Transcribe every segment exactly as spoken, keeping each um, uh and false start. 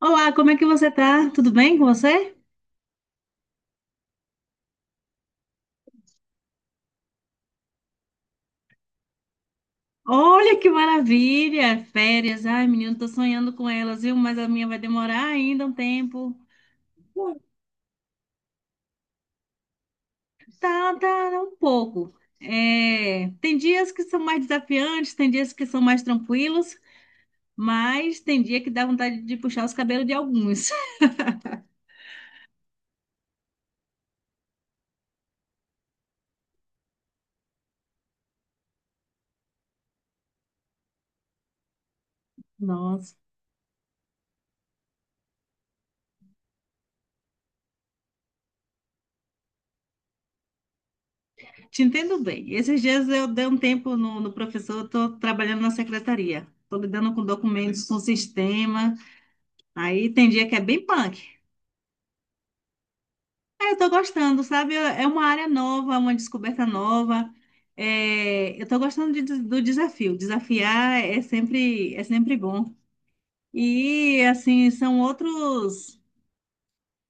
Olá, como é que você tá? Tudo bem com você? Olha que maravilha! Férias. Ai, menino, tô sonhando com elas, viu? Mas a minha vai demorar ainda um tempo. Pô, Tá, tá, um pouco. É, tem dias que são mais desafiantes, tem dias que são mais tranquilos, mas tem dia que dá vontade de puxar os cabelos de alguns. Nossa, te entendo bem. Esses dias eu dei um tempo no, no professor, estou trabalhando na secretaria, estou lidando com documentos, com sistema. Aí tem dia que é bem punk. É, eu tô gostando, sabe? É é uma área nova, uma descoberta nova. É, eu tô gostando de- do desafio. Desafiar é sempre, é sempre bom. E, assim, são outros,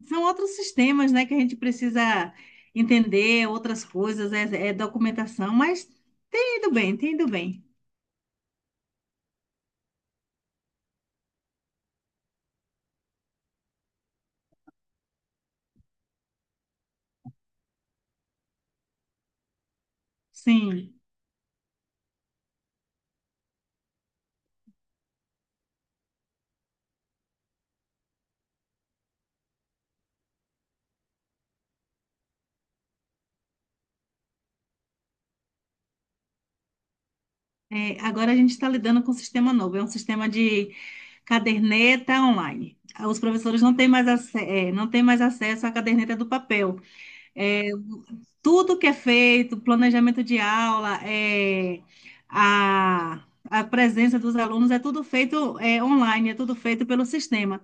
são outros sistemas, né, que a gente precisa entender, outras coisas, é, é documentação, mas tem ido bem, tem ido bem. Sim. É, agora a gente está lidando com um sistema novo, é um sistema de caderneta online. Os professores não têm mais, ace- é, não têm mais acesso à caderneta do papel. É, tudo que é feito, planejamento de aula, é, a, a presença dos alunos, é tudo feito é, online, é tudo feito pelo sistema.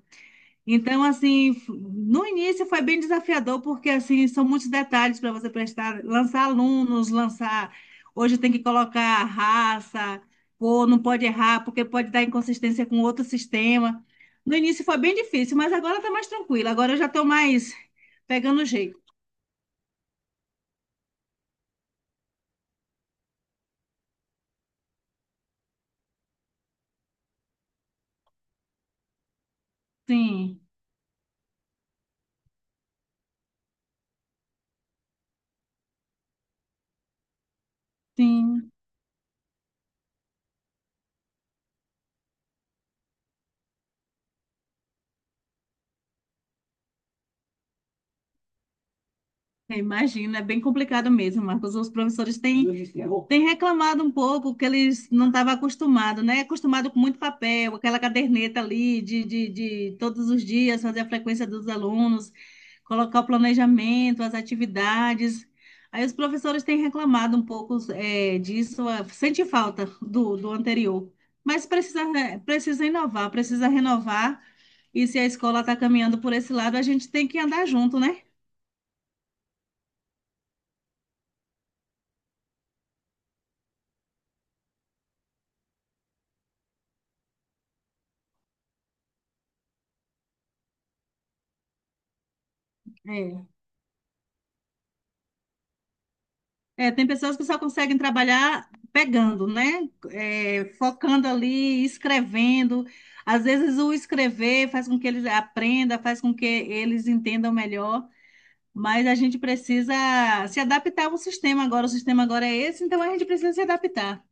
Então, assim, f- no início foi bem desafiador, porque, assim, são muitos detalhes para você prestar, lançar alunos, lançar. Hoje tem que colocar raça, cor, não pode errar, porque pode dar inconsistência com outro sistema. No início foi bem difícil, mas agora está mais tranquilo. Agora eu já estou mais pegando o jeito. Sim. Sim, eu imagino, é bem complicado mesmo, Marcos. Os professores têm, têm reclamado um pouco que eles não estavam acostumados, né? Acostumado com muito papel, aquela caderneta ali de, de, de todos os dias fazer a frequência dos alunos, colocar o planejamento, as atividades. Aí os professores têm reclamado um pouco é, disso, ah, sente falta do, do anterior. Mas precisa, né, precisa inovar, precisa renovar. E se a escola está caminhando por esse lado, a gente tem que andar junto, né? É. É, tem pessoas que só conseguem trabalhar pegando, né? É, focando ali, escrevendo. Às vezes o escrever faz com que eles aprendam, faz com que eles entendam melhor, mas a gente precisa se adaptar ao sistema agora. O sistema agora é esse, então a gente precisa se adaptar.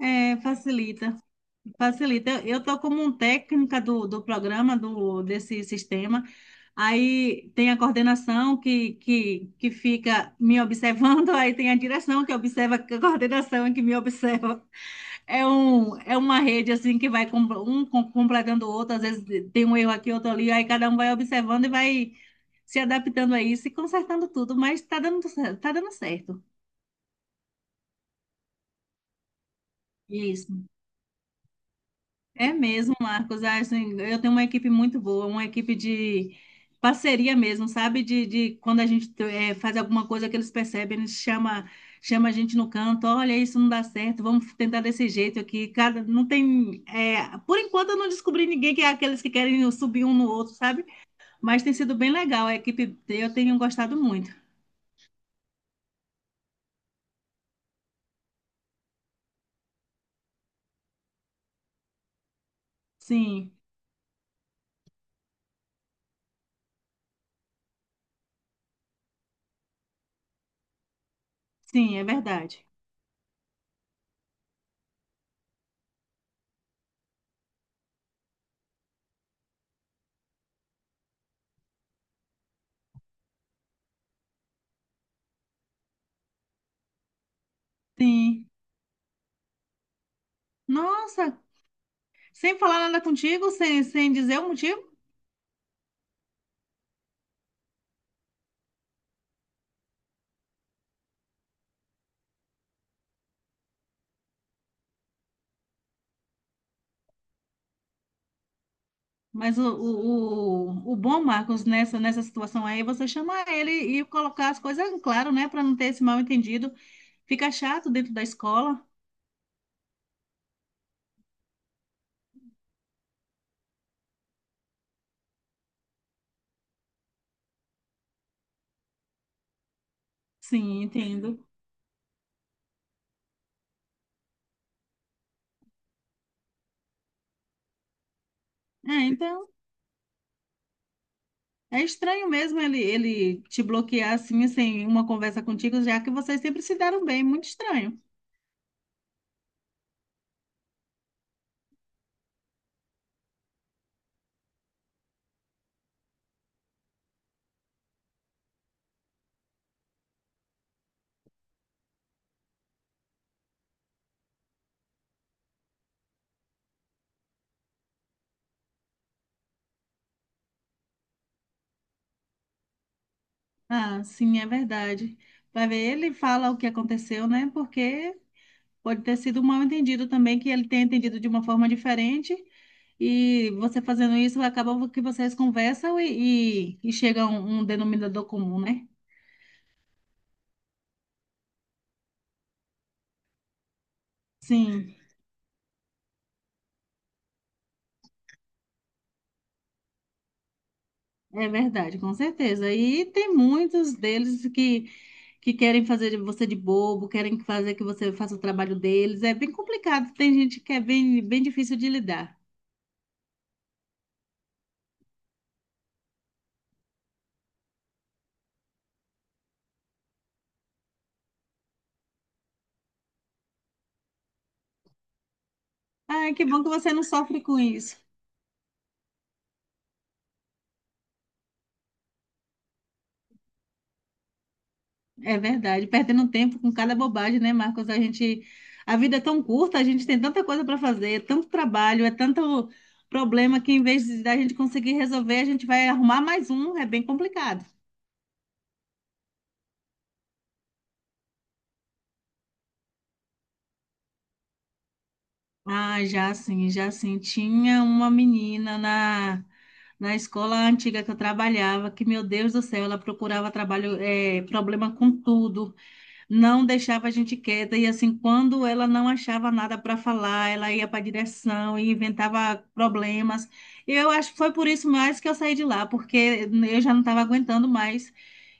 É, facilita. Facilita. Eu estou como um técnica do, do programa, do, desse sistema. Aí tem a coordenação que, que, que fica me observando, aí tem a direção que observa a coordenação e que me observa. É, um, é uma rede assim que vai com- um com- completando o outro, às vezes tem um erro aqui, outro ali, aí cada um vai observando e vai se adaptando a isso e consertando tudo, mas está dando, cer- tá dando certo. Isso. É mesmo, Marcos. Ah, assim, eu tenho uma equipe muito boa, uma equipe de parceria mesmo, sabe? De, de quando a gente eh, faz alguma coisa que eles percebem, eles chama, chama a gente no canto, olha, isso não dá certo, vamos tentar desse jeito aqui. Cada, não tem, eh, por enquanto eu não descobri ninguém que é aqueles que querem subir um no outro, sabe? Mas tem sido bem legal, a equipe, eu tenho gostado muito. Sim, sim, é verdade. Sim. Nossa, sem falar nada contigo, sem, sem dizer o motivo? Mas o, o, o, o bom, Marcos, nessa, nessa situação aí, você chamar ele e colocar as coisas em claro, né? Para não ter esse mal entendido. Fica chato dentro da escola. Sim, entendo. É, então, é estranho mesmo ele, ele te bloquear assim, sem uma conversa contigo, já que vocês sempre se deram bem. Muito estranho. Ah, sim, é verdade. Vai ver, ele fala o que aconteceu, né? Porque pode ter sido um mal entendido também, que ele tenha entendido de uma forma diferente. E você fazendo isso, acaba que vocês conversam e, e, e chega a um, um denominador comum, né? Sim, é verdade, com certeza. E tem muitos deles que, que querem fazer de você de bobo, querem fazer que você faça o trabalho deles. É bem complicado, tem gente que é bem, bem difícil de lidar. Ai, que bom que você não sofre com isso. É verdade, perdendo tempo com cada bobagem, né, Marcos? A gente, a vida é tão curta, a gente tem tanta coisa para fazer, é tanto trabalho, é tanto problema que em vez de da gente conseguir resolver, a gente vai arrumar mais um, é bem complicado. Ah, já sim, já sim. Tinha uma menina na, na escola antiga que eu trabalhava, que, meu Deus do céu, ela procurava trabalho, é, problema com tudo. Não deixava a gente quieta e assim, quando ela não achava nada para falar, ela ia para a direção e inventava problemas. Eu acho que foi por isso mais que eu saí de lá, porque eu já não estava aguentando mais.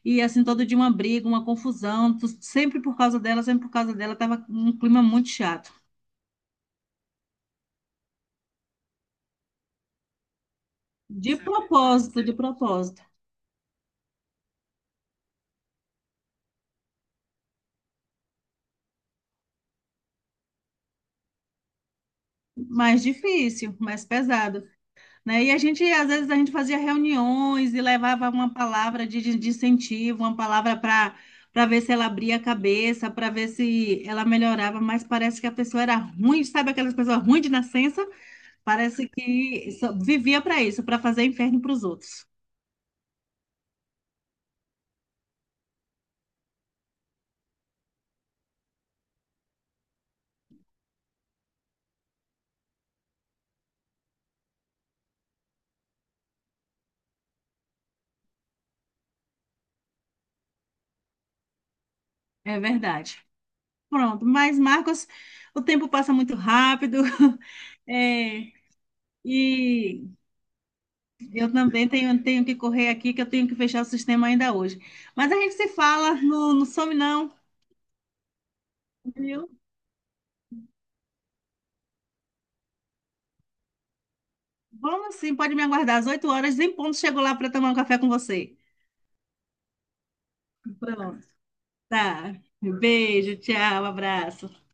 E assim, todo dia uma briga, uma confusão, tu- sempre por causa dela, sempre por causa dela, tava um clima muito chato. De propósito, de propósito. Mais difícil, mais pesado. Né? E a gente, às vezes, a gente fazia reuniões e levava uma palavra de, de- de incentivo, uma palavra para para ver se ela abria a cabeça, para ver se ela melhorava, mas parece que a pessoa era ruim, sabe aquelas pessoas ruins de nascença? Parece que só vivia para isso, para fazer inferno para os outros. É verdade. Pronto, mas Marcos, o tempo passa muito rápido. É, e eu também tenho, tenho que correr aqui, que eu tenho que fechar o sistema ainda hoje. Mas a gente se fala, não, não some não. Viu? Vamos sim, pode me aguardar às oito horas, em ponto chego lá para tomar um café com você. Pronto, tá. Beijo, tchau, abraço.